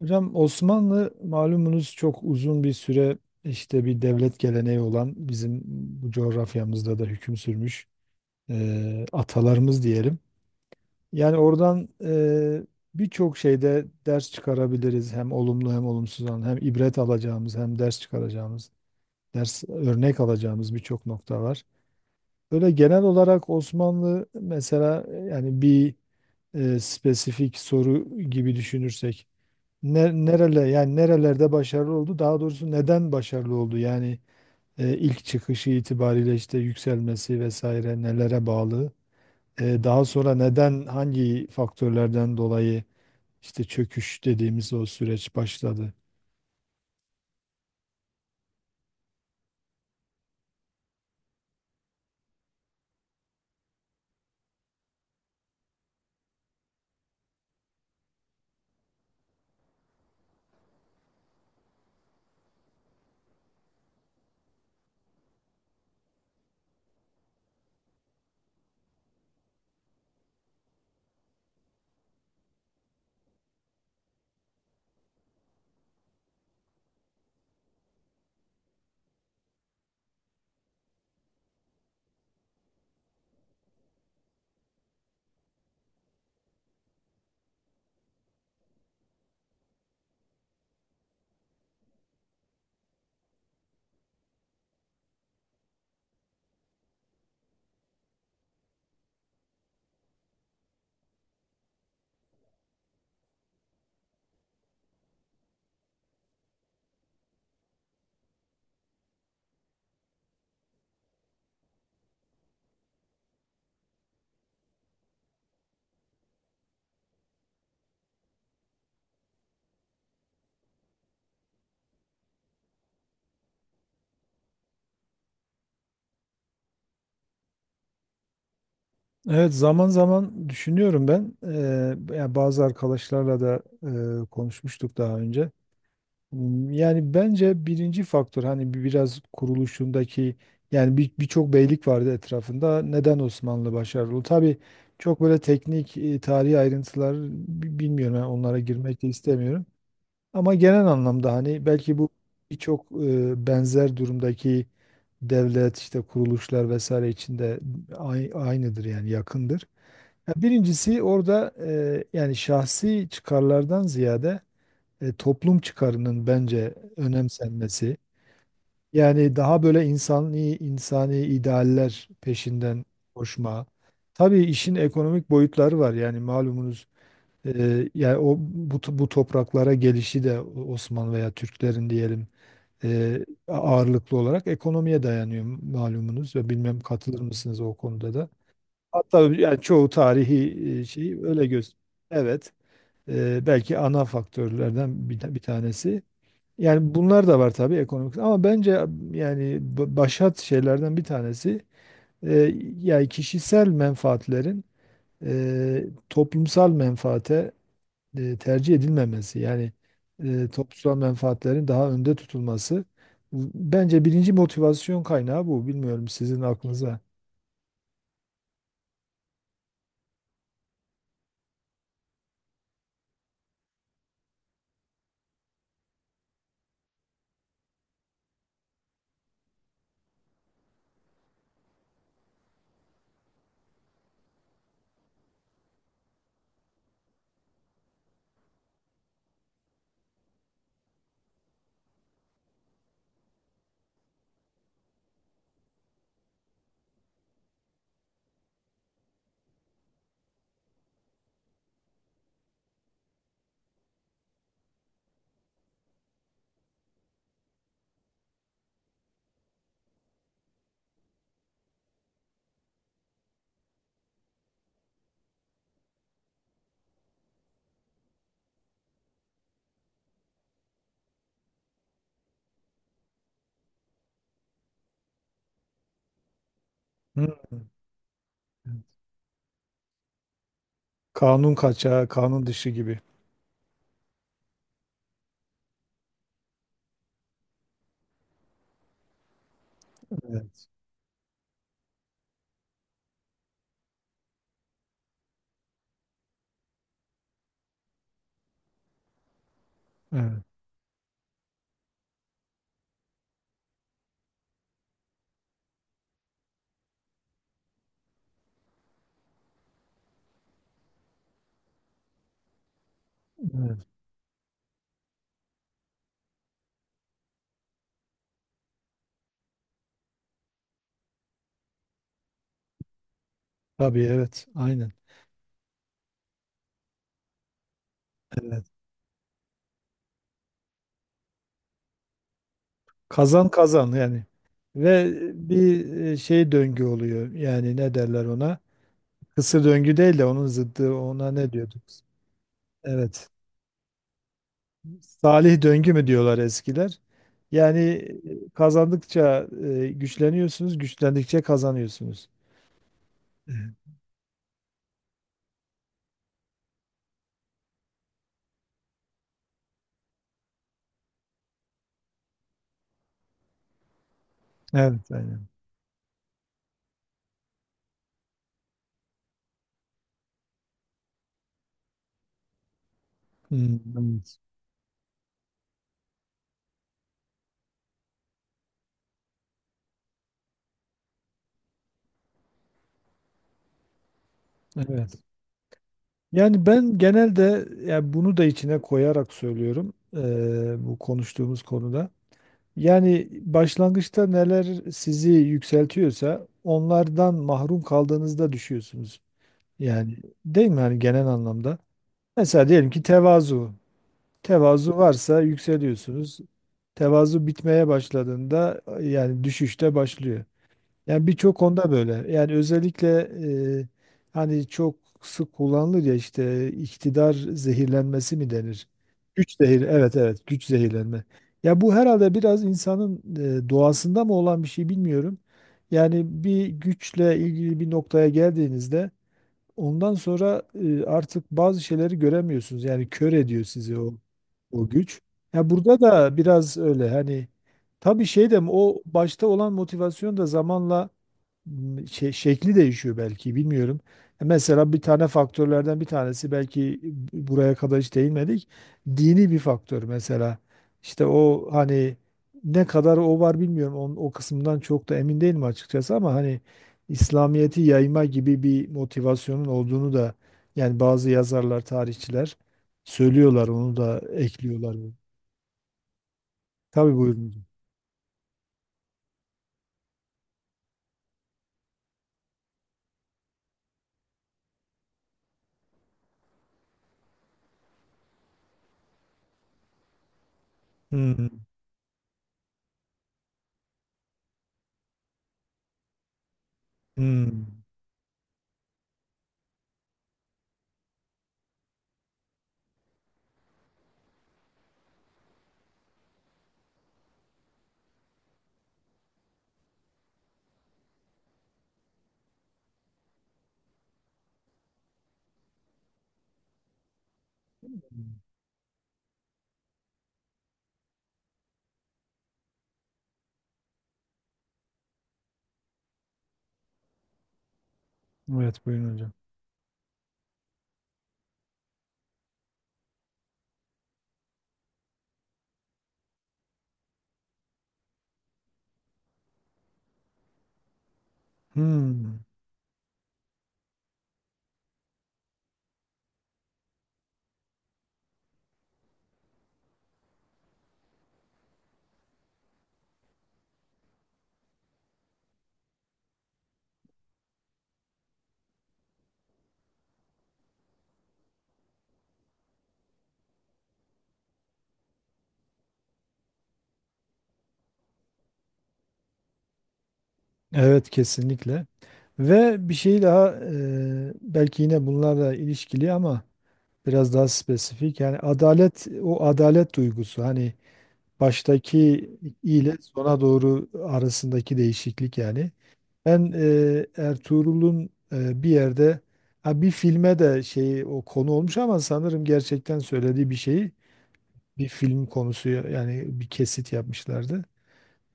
Hocam Osmanlı malumunuz çok uzun bir süre işte bir devlet geleneği olan bizim bu coğrafyamızda da hüküm sürmüş atalarımız diyelim. Yani oradan birçok şeyde ders çıkarabiliriz, hem olumlu hem olumsuz olan, hem ibret alacağımız hem ders çıkaracağımız, ders örnek alacağımız birçok nokta var. Böyle genel olarak Osmanlı mesela, yani bir spesifik soru gibi düşünürsek, nerele yani nerelerde başarılı oldu? Daha doğrusu neden başarılı oldu? Yani ilk çıkışı itibariyle işte yükselmesi vesaire nelere bağlı? Daha sonra neden, hangi faktörlerden dolayı işte çöküş dediğimiz o süreç başladı? Evet, zaman zaman düşünüyorum ben. Yani bazı arkadaşlarla da konuşmuştuk daha önce. Hmm, yani bence birinci faktör, hani biraz kuruluşundaki, yani birçok beylik vardı etrafında. Neden Osmanlı başarılı? Tabii çok böyle teknik, tarihi ayrıntılar bilmiyorum. Yani onlara girmek de istemiyorum. Ama genel anlamda hani belki bu birçok benzer durumdaki devlet, işte kuruluşlar vesaire içinde aynıdır yani, yakındır. Ya birincisi, orada yani şahsi çıkarlardan ziyade toplum çıkarının bence önemsenmesi. Yani daha böyle insani insani idealler peşinden koşma. Tabii işin ekonomik boyutları var. Yani malumunuz, yani o bu topraklara gelişi de Osmanlı veya Türklerin diyelim, e, ağırlıklı olarak ekonomiye dayanıyor malumunuz, ve bilmem katılır mısınız o konuda da. Hatta yani çoğu tarihi şeyi öyle göz. Evet. Belki ana faktörlerden bir tanesi. Yani bunlar da var tabii, ekonomik, ama bence yani başat şeylerden bir tanesi yani kişisel menfaatlerin toplumsal menfaate tercih edilmemesi, yani toplumsal menfaatlerin daha önde tutulması bence birinci motivasyon kaynağı bu. Bilmiyorum sizin aklınıza. Hı. Kanun kaçağı, kanun dışı gibi. Evet. Evet. Evet. Tabii, evet. Aynen. Kazan kazan yani. Ve bir şey döngü oluyor. Yani ne derler ona? Kısır döngü değil de onun zıddı, ona ne diyorduk? Evet. Salih döngü mü diyorlar eskiler? Yani kazandıkça güçleniyorsunuz, güçlendikçe kazanıyorsunuz. Evet, evet, aynen. Hmm, evet. Evet. Yani ben genelde, yani bunu da içine koyarak söylüyorum bu konuştuğumuz konuda. Yani başlangıçta neler sizi yükseltiyorsa, onlardan mahrum kaldığınızda düşüyorsunuz. Yani değil mi, hani genel anlamda? Mesela diyelim ki tevazu. Tevazu varsa yükseliyorsunuz. Tevazu bitmeye başladığında yani düşüşte başlıyor. Yani birçok konuda böyle. Yani özellikle e, hani çok sık kullanılır ya, işte iktidar zehirlenmesi mi denir? Evet evet, güç zehirlenme. Ya bu herhalde biraz insanın doğasında mı olan bir şey, bilmiyorum. Yani bir güçle ilgili bir noktaya geldiğinizde, ondan sonra artık bazı şeyleri göremiyorsunuz. Yani kör ediyor sizi o güç. Ya burada da biraz öyle, hani tabii şey de, o başta olan motivasyon da zamanla şey, şekli değişiyor belki, bilmiyorum. Mesela bir tane faktörlerden bir tanesi, belki buraya kadar hiç değinmedik. Dini bir faktör mesela. İşte o hani, ne kadar o var bilmiyorum. Onun, o kısmından çok da emin değilim açıkçası, ama hani İslamiyet'i yayma gibi bir motivasyonun olduğunu da yani bazı yazarlar, tarihçiler söylüyorlar. Onu da ekliyorlar. Tabii buyurun hocam. Hmm, hmm. Evet buyurun hocam. Hmm. Evet, kesinlikle. Ve bir şey daha, belki yine bunlarla ilişkili ama biraz daha spesifik. Yani adalet, o adalet duygusu, hani baştaki ile sona doğru arasındaki değişiklik yani. Ben Ertuğrul'un bir yerde, ha bir filme de şey, o konu olmuş ama sanırım gerçekten söylediği bir şeyi bir film konusu, yani bir kesit yapmışlardı.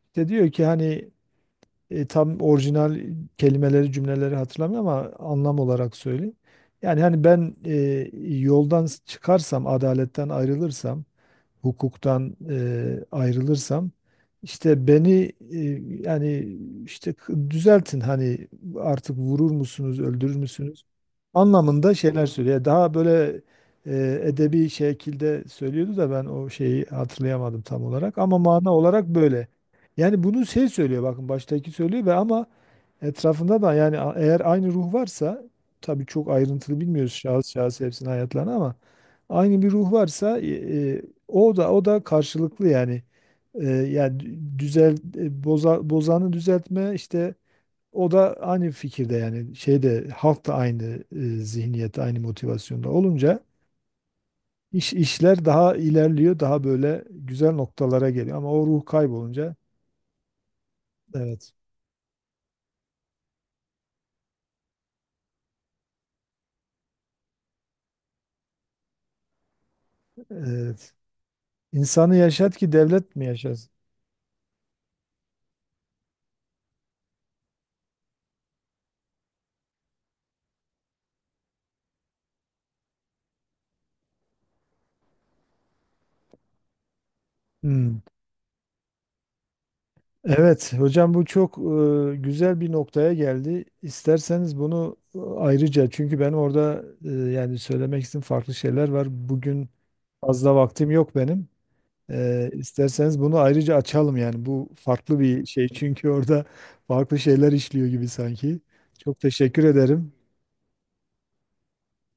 İşte diyor ki hani tam orijinal kelimeleri, cümleleri hatırlamıyorum ama anlam olarak söyleyeyim. Yani hani ben yoldan çıkarsam, adaletten ayrılırsam, hukuktan ayrılırsam, işte beni yani işte düzeltin hani, artık vurur musunuz, öldürür müsünüz anlamında şeyler söylüyor. Daha böyle edebi şekilde söylüyordu da, ben o şeyi hatırlayamadım tam olarak ama mana olarak böyle. Yani bunu şey söylüyor, bakın baştaki söylüyor ve ama etrafında da yani eğer aynı ruh varsa, tabii çok ayrıntılı bilmiyoruz şahıs şahıs hepsinin hayatlarını ama aynı bir ruh varsa e, o da karşılıklı yani. Yani düzel boza, bozanı düzeltme, işte o da aynı fikirde, yani şeyde halk da aynı zihniyette, aynı motivasyonda olunca işler daha ilerliyor, daha böyle güzel noktalara geliyor, ama o ruh kaybolunca evet evet insanı yaşat ki devlet mi yaşasın? Hmm. Evet hocam, bu çok güzel bir noktaya geldi. İsterseniz bunu ayrıca, çünkü benim orada yani söylemek istediğim farklı şeyler var. Bugün fazla vaktim yok benim. İsterseniz bunu ayrıca açalım, yani bu farklı bir şey çünkü orada farklı şeyler işliyor gibi sanki. Çok teşekkür ederim.